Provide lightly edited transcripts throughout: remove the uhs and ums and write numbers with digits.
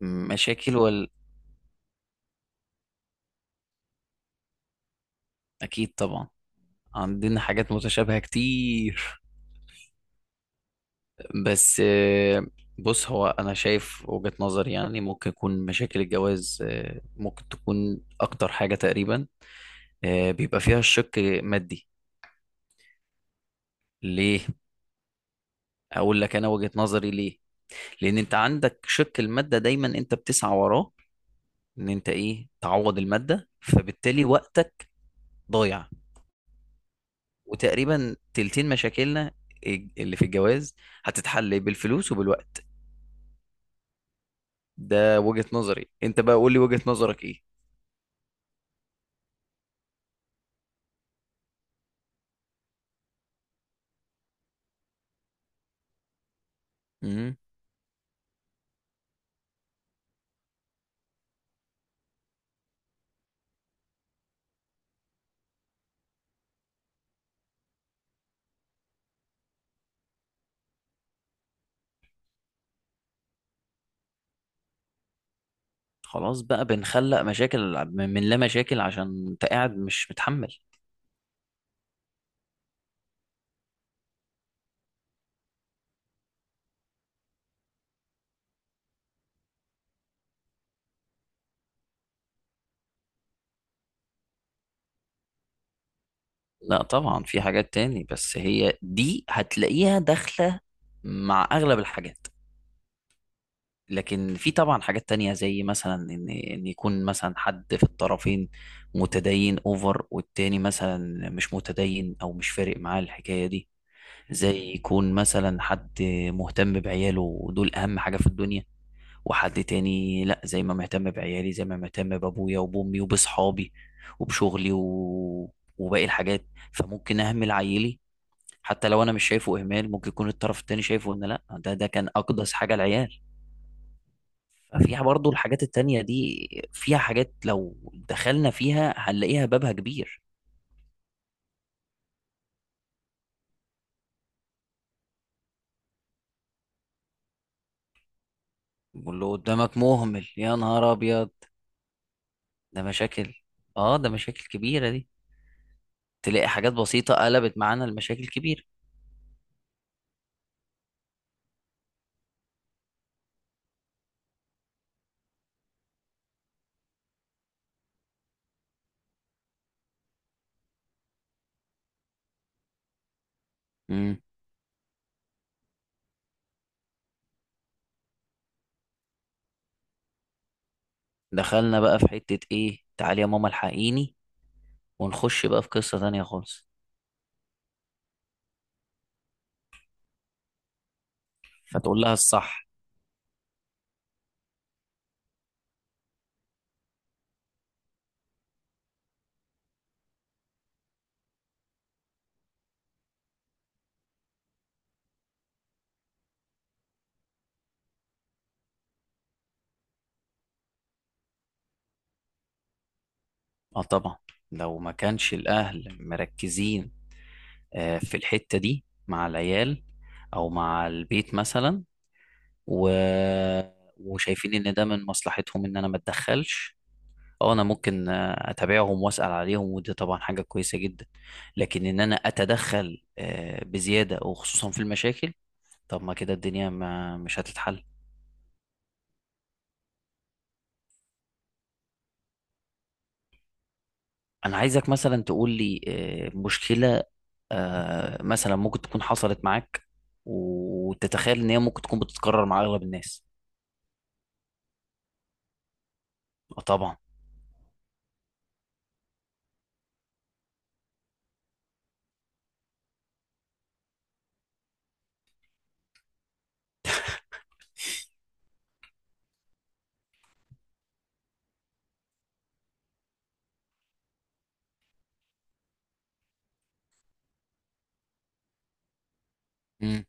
مشاكل ولا؟ اكيد طبعا. عندنا حاجات متشابهة كتير. بس. بص، هو انا شايف وجهة نظري يعني ممكن يكون مشاكل الجواز، ممكن تكون اكتر حاجة تقريبا. بيبقى فيها الشق مادي. ليه؟ اقول لك انا وجهة نظري ليه. لان انت عندك شق المادة دايما انت بتسعى وراه ان انت ايه تعوض المادة، فبالتالي وقتك ضايع. وتقريبا تلتين مشاكلنا اللي في الجواز هتتحل بالفلوس وبالوقت. ده وجهة نظري، انت بقى قول لي وجهة نظرك ايه. امم. خلاص بقى بنخلق مشاكل من لا مشاكل عشان انت قاعد مش متحمل. لا طبعا في حاجات تاني، بس هي دي هتلاقيها داخلة مع اغلب الحاجات. لكن في طبعا حاجات تانية زي مثلا ان يكون مثلا حد في الطرفين متدين اوفر والتاني مثلا مش متدين او مش فارق معاه الحكاية دي. زي يكون مثلا حد مهتم بعياله ودول اهم حاجة في الدنيا، وحد تاني لا، زي ما مهتم بعيالي زي ما مهتم بابويا وبامي وبصحابي وبشغلي وباقي الحاجات. فممكن اهمل عيلي حتى لو انا مش شايفه اهمال، ممكن يكون الطرف التاني شايفه ان لا، ده كان اقدس حاجه العيال. ففيها برضو الحاجات التانية دي، فيها حاجات لو دخلنا فيها هنلاقيها بابها كبير. واللي قدامك مهمل يا نهار ابيض. ده مشاكل. اه ده مشاكل كبيره دي. تلاقي حاجات بسيطه قلبت معانا لمشاكل كبيره. دخلنا بقى في حتة ايه تعالي يا ماما الحقيني ونخش بقى في قصة تانية خالص. فتقول لها الصح. اه طبعا، لو ما كانش الاهل مركزين في الحتة دي مع العيال او مع البيت مثلا و... وشايفين ان ده من مصلحتهم ان انا ما اتدخلش. اه انا ممكن اتابعهم واسال عليهم ودي طبعا حاجة كويسة جدا. لكن ان انا اتدخل بزيادة وخصوصا في المشاكل، طب ما كده الدنيا ما مش هتتحل. انا عايزك مثلا تقول لي مشكلة مثلا ممكن تكون حصلت معاك وتتخيل ان هي ممكن تكون بتتكرر مع اغلب الناس. وطبعا. مم.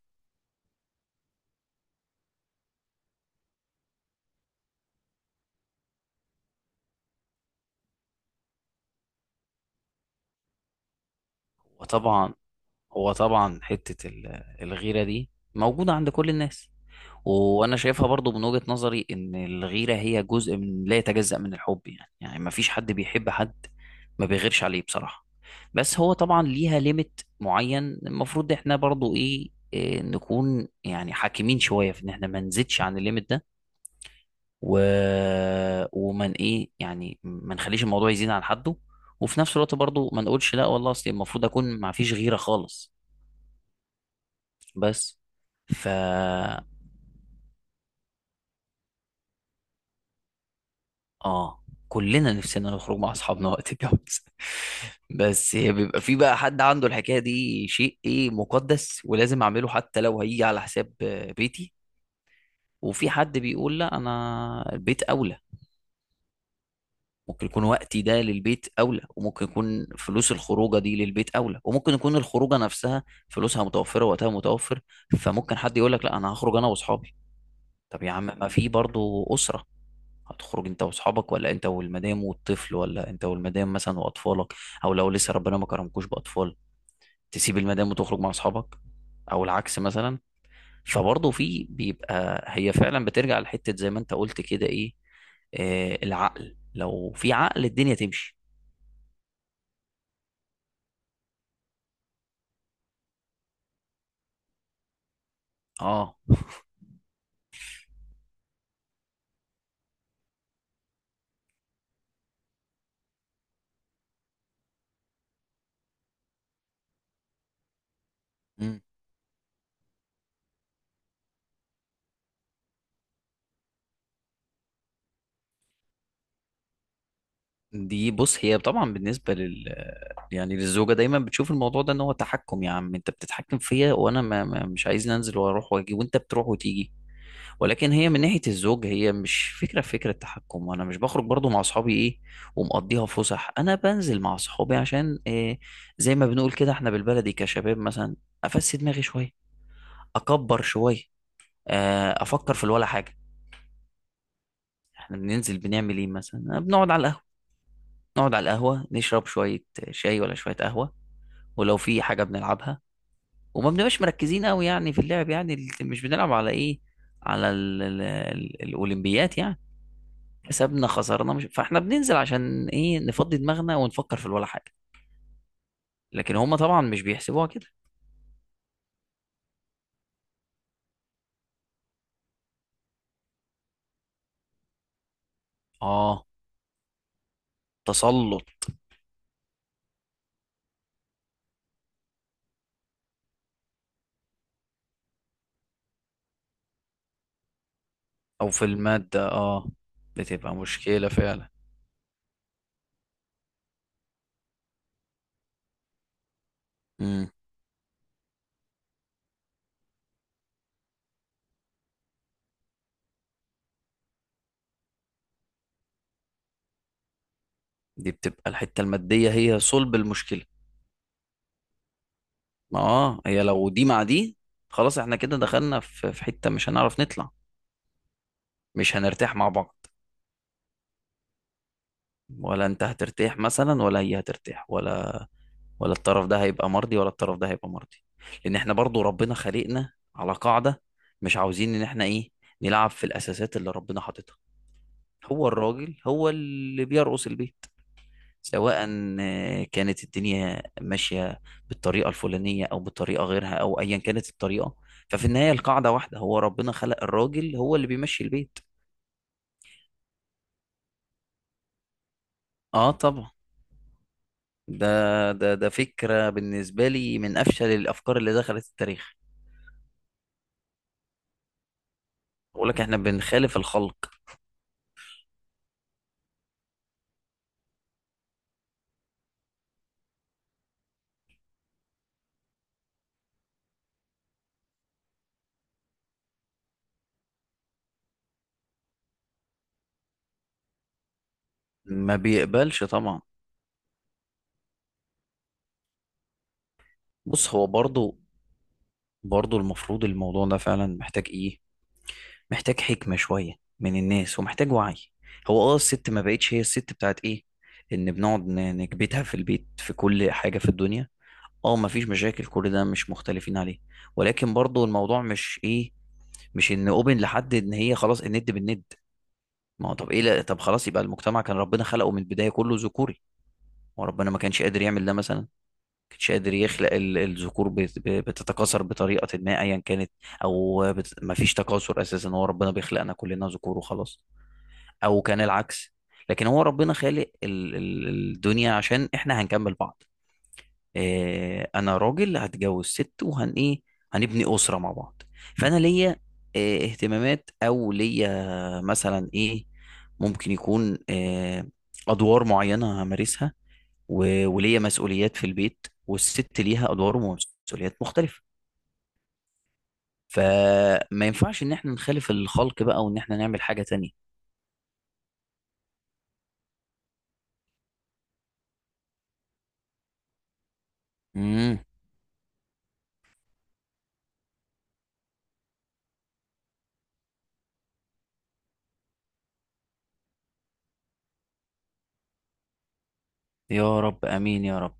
وطبعا، هو طبعا حتة الغيرة دي موجودة عند كل الناس. وانا شايفها برضو من وجهة نظري ان الغيرة هي جزء من لا يتجزأ من الحب، يعني ما فيش حد بيحب حد ما بيغيرش عليه بصراحة. بس هو طبعا ليها ليميت معين، المفروض احنا برضو إيه، نكون يعني حاكمين شوية في ان احنا ما نزيدش عن الليميت ده و... ومن ايه يعني ما نخليش الموضوع يزيد عن حده، وفي نفس الوقت برضو ما نقولش لا والله اصل المفروض اكون ما فيش غيرة خالص. بس ف اه، كلنا نفسنا نخرج مع اصحابنا وقت الجواز. بس بيبقى في بقى حد عنده الحكايه دي شيء ايه مقدس ولازم اعمله حتى لو هيجي على حساب بيتي. وفي حد بيقول لا انا البيت اولى. ممكن يكون وقتي ده للبيت اولى، وممكن يكون فلوس الخروجه دي للبيت اولى، وممكن يكون الخروجه نفسها فلوسها متوفره وقتها متوفر. فممكن حد يقول لك لا انا هخرج انا واصحابي. طب يا عم ما في برضه اسره، هتخرج انت واصحابك ولا انت والمدام والطفل ولا انت والمدام مثلا واطفالك، او لو لسه ربنا ما كرمكوش باطفال تسيب المدام وتخرج مع اصحابك، او العكس مثلا. فبرضه في بيبقى هي فعلا بترجع لحتة زي ما انت قلت كده ايه، العقل لو في عقل الدنيا تمشي. اه. مم. دي بص هي طبعا بالنسبة يعني للزوجة دايما بتشوف الموضوع ده ان هو تحكم، يا عم انت بتتحكم فيا وانا مش عايز انزل واروح واجي وانت بتروح وتيجي. ولكن هي من ناحية الزوج هي مش فكرة، في فكرة تحكم، وانا مش بخرج برضو مع اصحابي ايه ومقضيها فسح. انا بنزل مع اصحابي عشان إيه، زي ما بنقول كده احنا بالبلدي كشباب مثلا افسي دماغي شوية، اكبر شوية، افكر في الولا حاجة. احنا بننزل بنعمل ايه مثلا؟ بنقعد على القهوة، نقعد على القهوة نشرب شوية شاي ولا شوية قهوة ولو في حاجة بنلعبها. وما بنبقاش مركزين قوي يعني في اللعب، يعني مش بنلعب على ايه، على الاولمبيات يعني. كسبنا خسرنا مش فاحنا بننزل عشان ايه، نفضي دماغنا ونفكر في ولا حاجه. لكن هم طبعا مش بيحسبوها كده. اه. تسلط. او في الماده، اه. بتبقى مشكله فعلا. امم. دي بتبقى الحته الماديه هي صلب المشكله. ما هي لو دي مع دي خلاص احنا كده دخلنا في حته مش هنعرف نطلع، مش هنرتاح مع بعض. ولا انت هترتاح مثلا، ولا هي هترتاح، ولا الطرف ده هيبقى مرضي ولا الطرف ده هيبقى مرضي. لان احنا برضو ربنا خلقنا على قاعدة، مش عاوزين ان احنا ايه نلعب في الاساسات اللي ربنا حاططها. هو الراجل هو اللي بيرقص البيت، سواء كانت الدنيا ماشية بالطريقة الفلانية او بالطريقة غيرها او ايا كانت الطريقة، ففي النهاية القاعدة واحدة، هو ربنا خلق الراجل هو اللي بيمشي البيت. اه طبعا. ده ده فكرة بالنسبة لي من افشل الافكار اللي دخلت التاريخ. بقول لك احنا بنخالف الخلق. ما بيقبلش طبعا. بص هو برضو، المفروض الموضوع ده فعلا محتاج ايه، محتاج حكمة شوية من الناس ومحتاج وعي. هو الست ما بقتش هي الست بتاعت ايه، ان بنقعد نكبتها في البيت في كل حاجة في الدنيا. اه ما فيش مشاكل كل ده مش مختلفين عليه، ولكن برضو الموضوع مش ايه، مش ان اوبن لحد ان هي خلاص الند بالند. ما هو طب ايه، لا طب خلاص يبقى المجتمع كان ربنا خلقه من البداية كله ذكوري، وربنا ما كانش قادر يعمل ده مثلا؟ كانش قادر يخلق الذكور بتتكاثر بطريقة ما أيا كانت، أو مفيش تكاثر أساسا، هو ربنا بيخلقنا كلنا ذكور وخلاص، أو كان العكس. لكن هو ربنا خالق الدنيا عشان إحنا هنكمل بعض. إيه، أنا راجل هتجوز ست وهن إيه هنبني أسرة مع بعض. فأنا ليا إيه اهتمامات أو ليا مثلا إيه، ممكن يكون إيه أدوار معينة همارسها، وليا مسؤوليات في البيت والست ليها ادوار ومسؤوليات مختلفه. فما ينفعش ان احنا نخالف الخلق بقى وان احنا نعمل حاجه تانية. امم. يا رب امين يا رب.